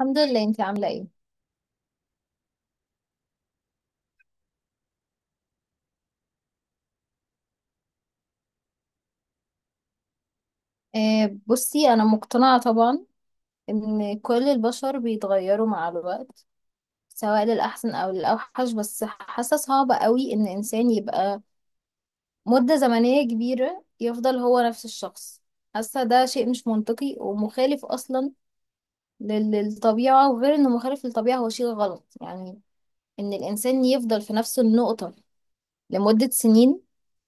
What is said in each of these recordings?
الحمد لله، انت عاملة ايه؟ بصي انا مقتنعة طبعا ان كل البشر بيتغيروا مع الوقت، سواء للأحسن او للأوحش. بس حاسة صعبة قوي ان انسان يبقى مدة زمنية كبيرة يفضل هو نفس الشخص. حاسة ده شيء مش منطقي ومخالف اصلا للطبيعة، وغير انه مخالف للطبيعة هو شيء غلط يعني. ان الانسان يفضل في نفس النقطة لمدة سنين،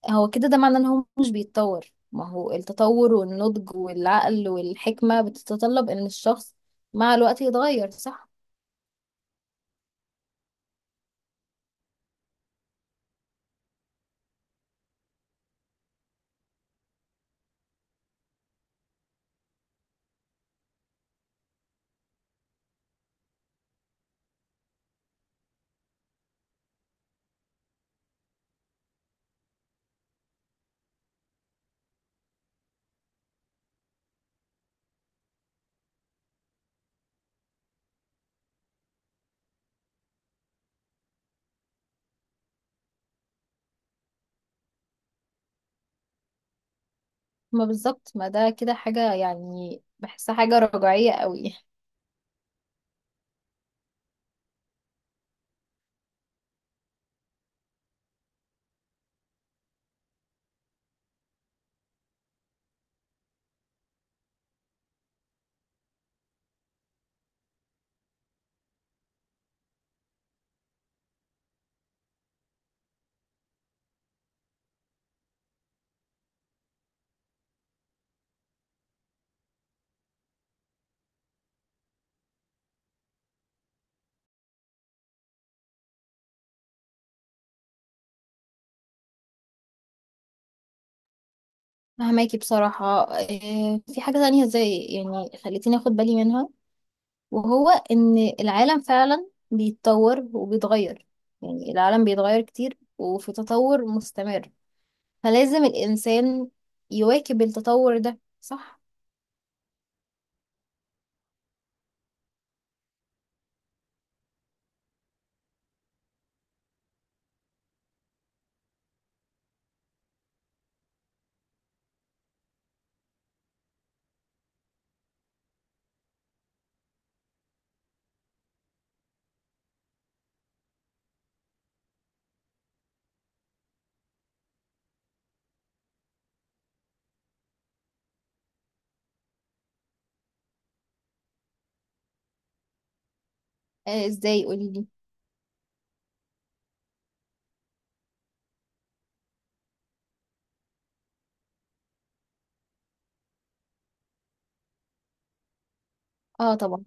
هو كده ده معناه ان هو مش بيتطور. ما هو التطور والنضج والعقل والحكمة بتتطلب ان الشخص مع الوقت يتغير، صح؟ ما بالظبط، ما ده كده حاجة يعني بحسها حاجة رجعية قوي. فهماكي بصراحة إيه، في حاجة تانية زي يعني خلتيني اخد بالي منها، وهو ان العالم فعلا بيتطور وبيتغير. يعني العالم بيتغير كتير وفي تطور مستمر، فلازم الانسان يواكب التطور ده، صح؟ ازاي؟ قولي. اه طبعا.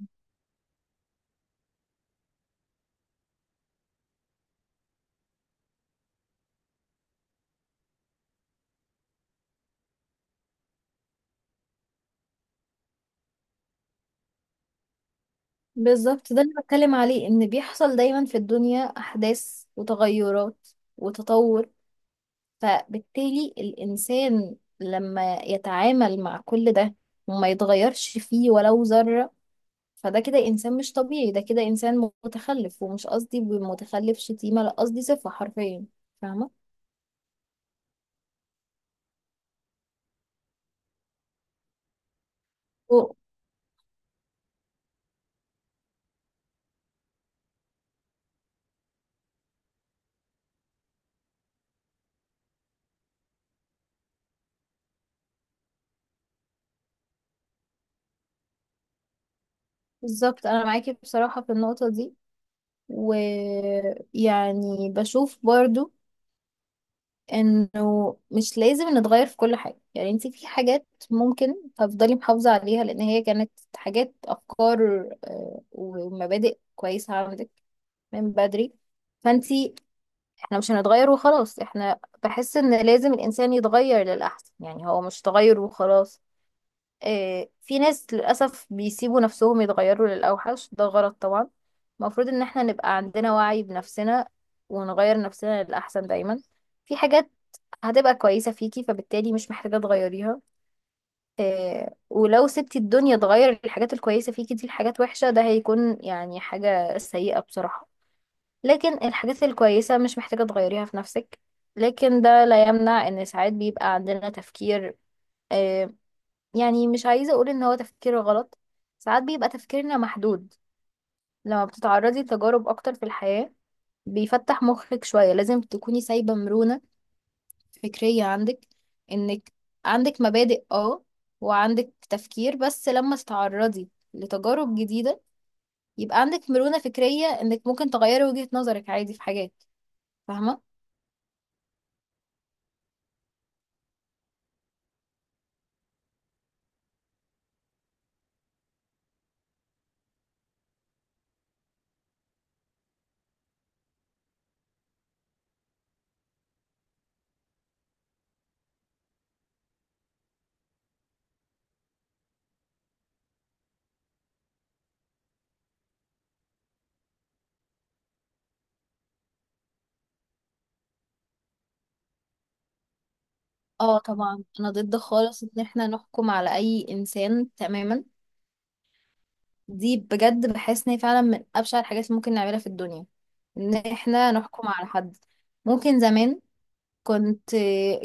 بالظبط، ده اللي بتكلم عليه، ان بيحصل دايما في الدنيا احداث وتغيرات وتطور، فبالتالي الانسان لما يتعامل مع كل ده وما يتغيرش فيه ولو ذرة، فده كده انسان مش طبيعي، ده كده انسان متخلف. ومش قصدي بمتخلف شتيمة، لا قصدي صفة حرفيا، فاهمة؟ و- بالظبط انا معاكي بصراحة في النقطة دي. ويعني بشوف برضو انه مش لازم نتغير في كل حاجة، يعني انت في حاجات ممكن تفضلي محافظة عليها، لان هي كانت حاجات، افكار ومبادئ كويسة عندك من بدري. فانت، احنا مش هنتغير وخلاص، احنا بحس ان لازم الانسان يتغير للاحسن، يعني هو مش تغير وخلاص. في ناس للاسف بيسيبوا نفسهم يتغيروا للاوحش، ده غلط طبعا. المفروض ان احنا نبقى عندنا وعي بنفسنا ونغير نفسنا للاحسن دايما. في حاجات هتبقى كويسة فيكي، فبالتالي مش محتاجة تغيريها. آه، ولو سبتي الدنيا تغير الحاجات الكويسة فيكي دي لحاجات وحشة، ده هيكون يعني حاجة سيئة بصراحة. لكن الحاجات الكويسة مش محتاجة تغيريها في نفسك. لكن ده لا يمنع ان ساعات بيبقى عندنا تفكير، آه، يعني مش عايزة اقول ان هو تفكير غلط، ساعات بيبقى تفكيرنا محدود. لما بتتعرضي لتجارب اكتر في الحياة، بيفتح مخك شوية. لازم تكوني سايبة مرونة فكرية عندك، انك عندك مبادئ، اه، وعندك تفكير، بس لما تتعرضي لتجارب جديدة، يبقى عندك مرونة فكرية انك ممكن تغيري وجهة نظرك عادي في حاجات، فاهمة؟ اه طبعا. انا ضد خالص ان احنا نحكم على اي انسان تماما. دي بجد بحس ان هي فعلا من ابشع الحاجات اللي ممكن نعملها في الدنيا، ان احنا نحكم على حد. ممكن زمان كنت،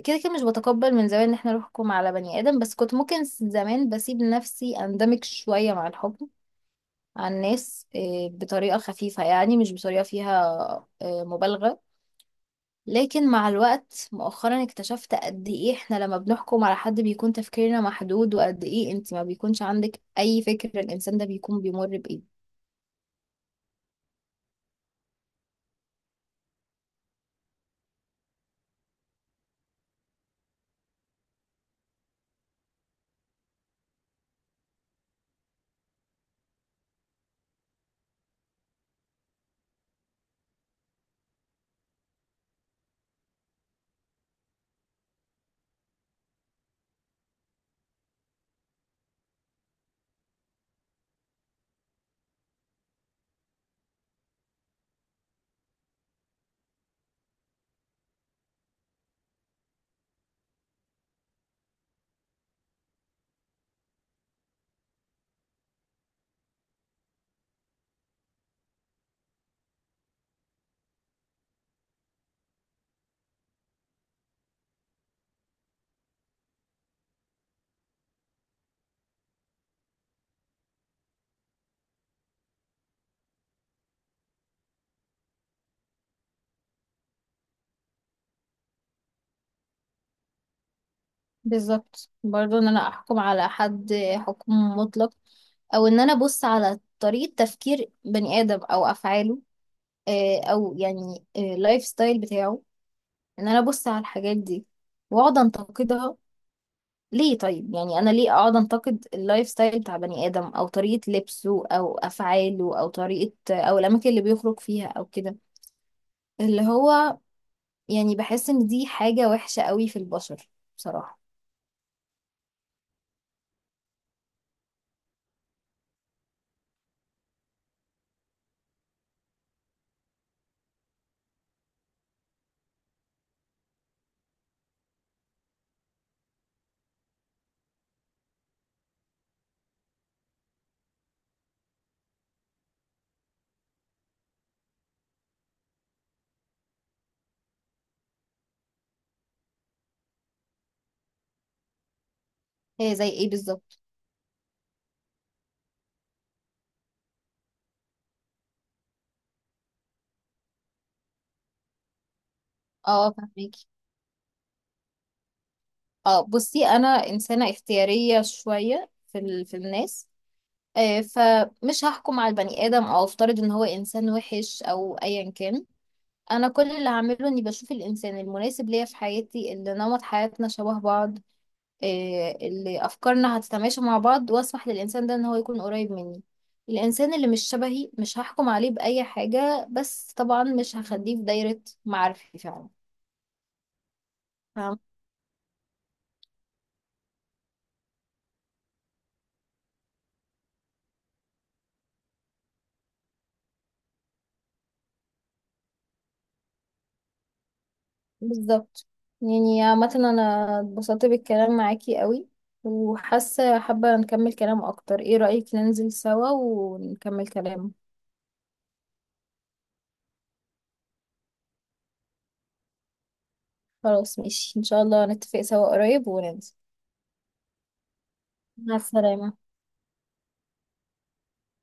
كده كده مش بتقبل من زمان ان احنا نحكم على بني ادم، بس كنت ممكن زمان بسيب لنفسي اندمج شوية مع الحكم على الناس بطريقة خفيفة، يعني مش بطريقة فيها مبالغة. لكن مع الوقت مؤخرا اكتشفت قد ايه احنا لما بنحكم على حد بيكون تفكيرنا محدود، وقد ايه انت ما بيكونش عندك اي فكر الانسان ده بيكون بيمر بايه. بالظبط، برضو ان انا احكم على حد حكم مطلق، او ان انا ابص على طريقة تفكير بني ادم او افعاله او يعني اللايف ستايل بتاعه، ان انا ابص على الحاجات دي واقعد انتقدها. ليه؟ طيب يعني انا ليه اقعد انتقد اللايف ستايل بتاع بني ادم، او طريقة لبسه، او افعاله، او طريقة، او الاماكن اللي بيخرج فيها، او كده. اللي هو يعني بحس ان دي حاجة وحشة قوي في البشر بصراحة. هي زي ايه بالظبط؟ اه فهمك. اه بصي، انا انسانه اختياريه شويه في في الناس، فمش هحكم على البني ادم او افترض ان هو انسان وحش او ايا كان. انا كل اللي هعمله اني بشوف الانسان المناسب ليا في حياتي، اللي نمط حياتنا شبه بعض، اللي افكارنا هتتماشى مع بعض، واسمح للانسان ده ان هو يكون قريب مني. الانسان اللي مش شبهي مش هحكم عليه باي حاجه، بس طبعا مش هخليه في دايره معارفي فعلا. بالظبط. يعني عامة، أنا اتبسطت بالكلام معاكي قوي، وحاسة حابة نكمل كلام أكتر. ايه رأيك ننزل سوا ونكمل كلام؟ خلاص، ماشي، إن شاء الله نتفق سوا قريب وننزل. مع السلامة.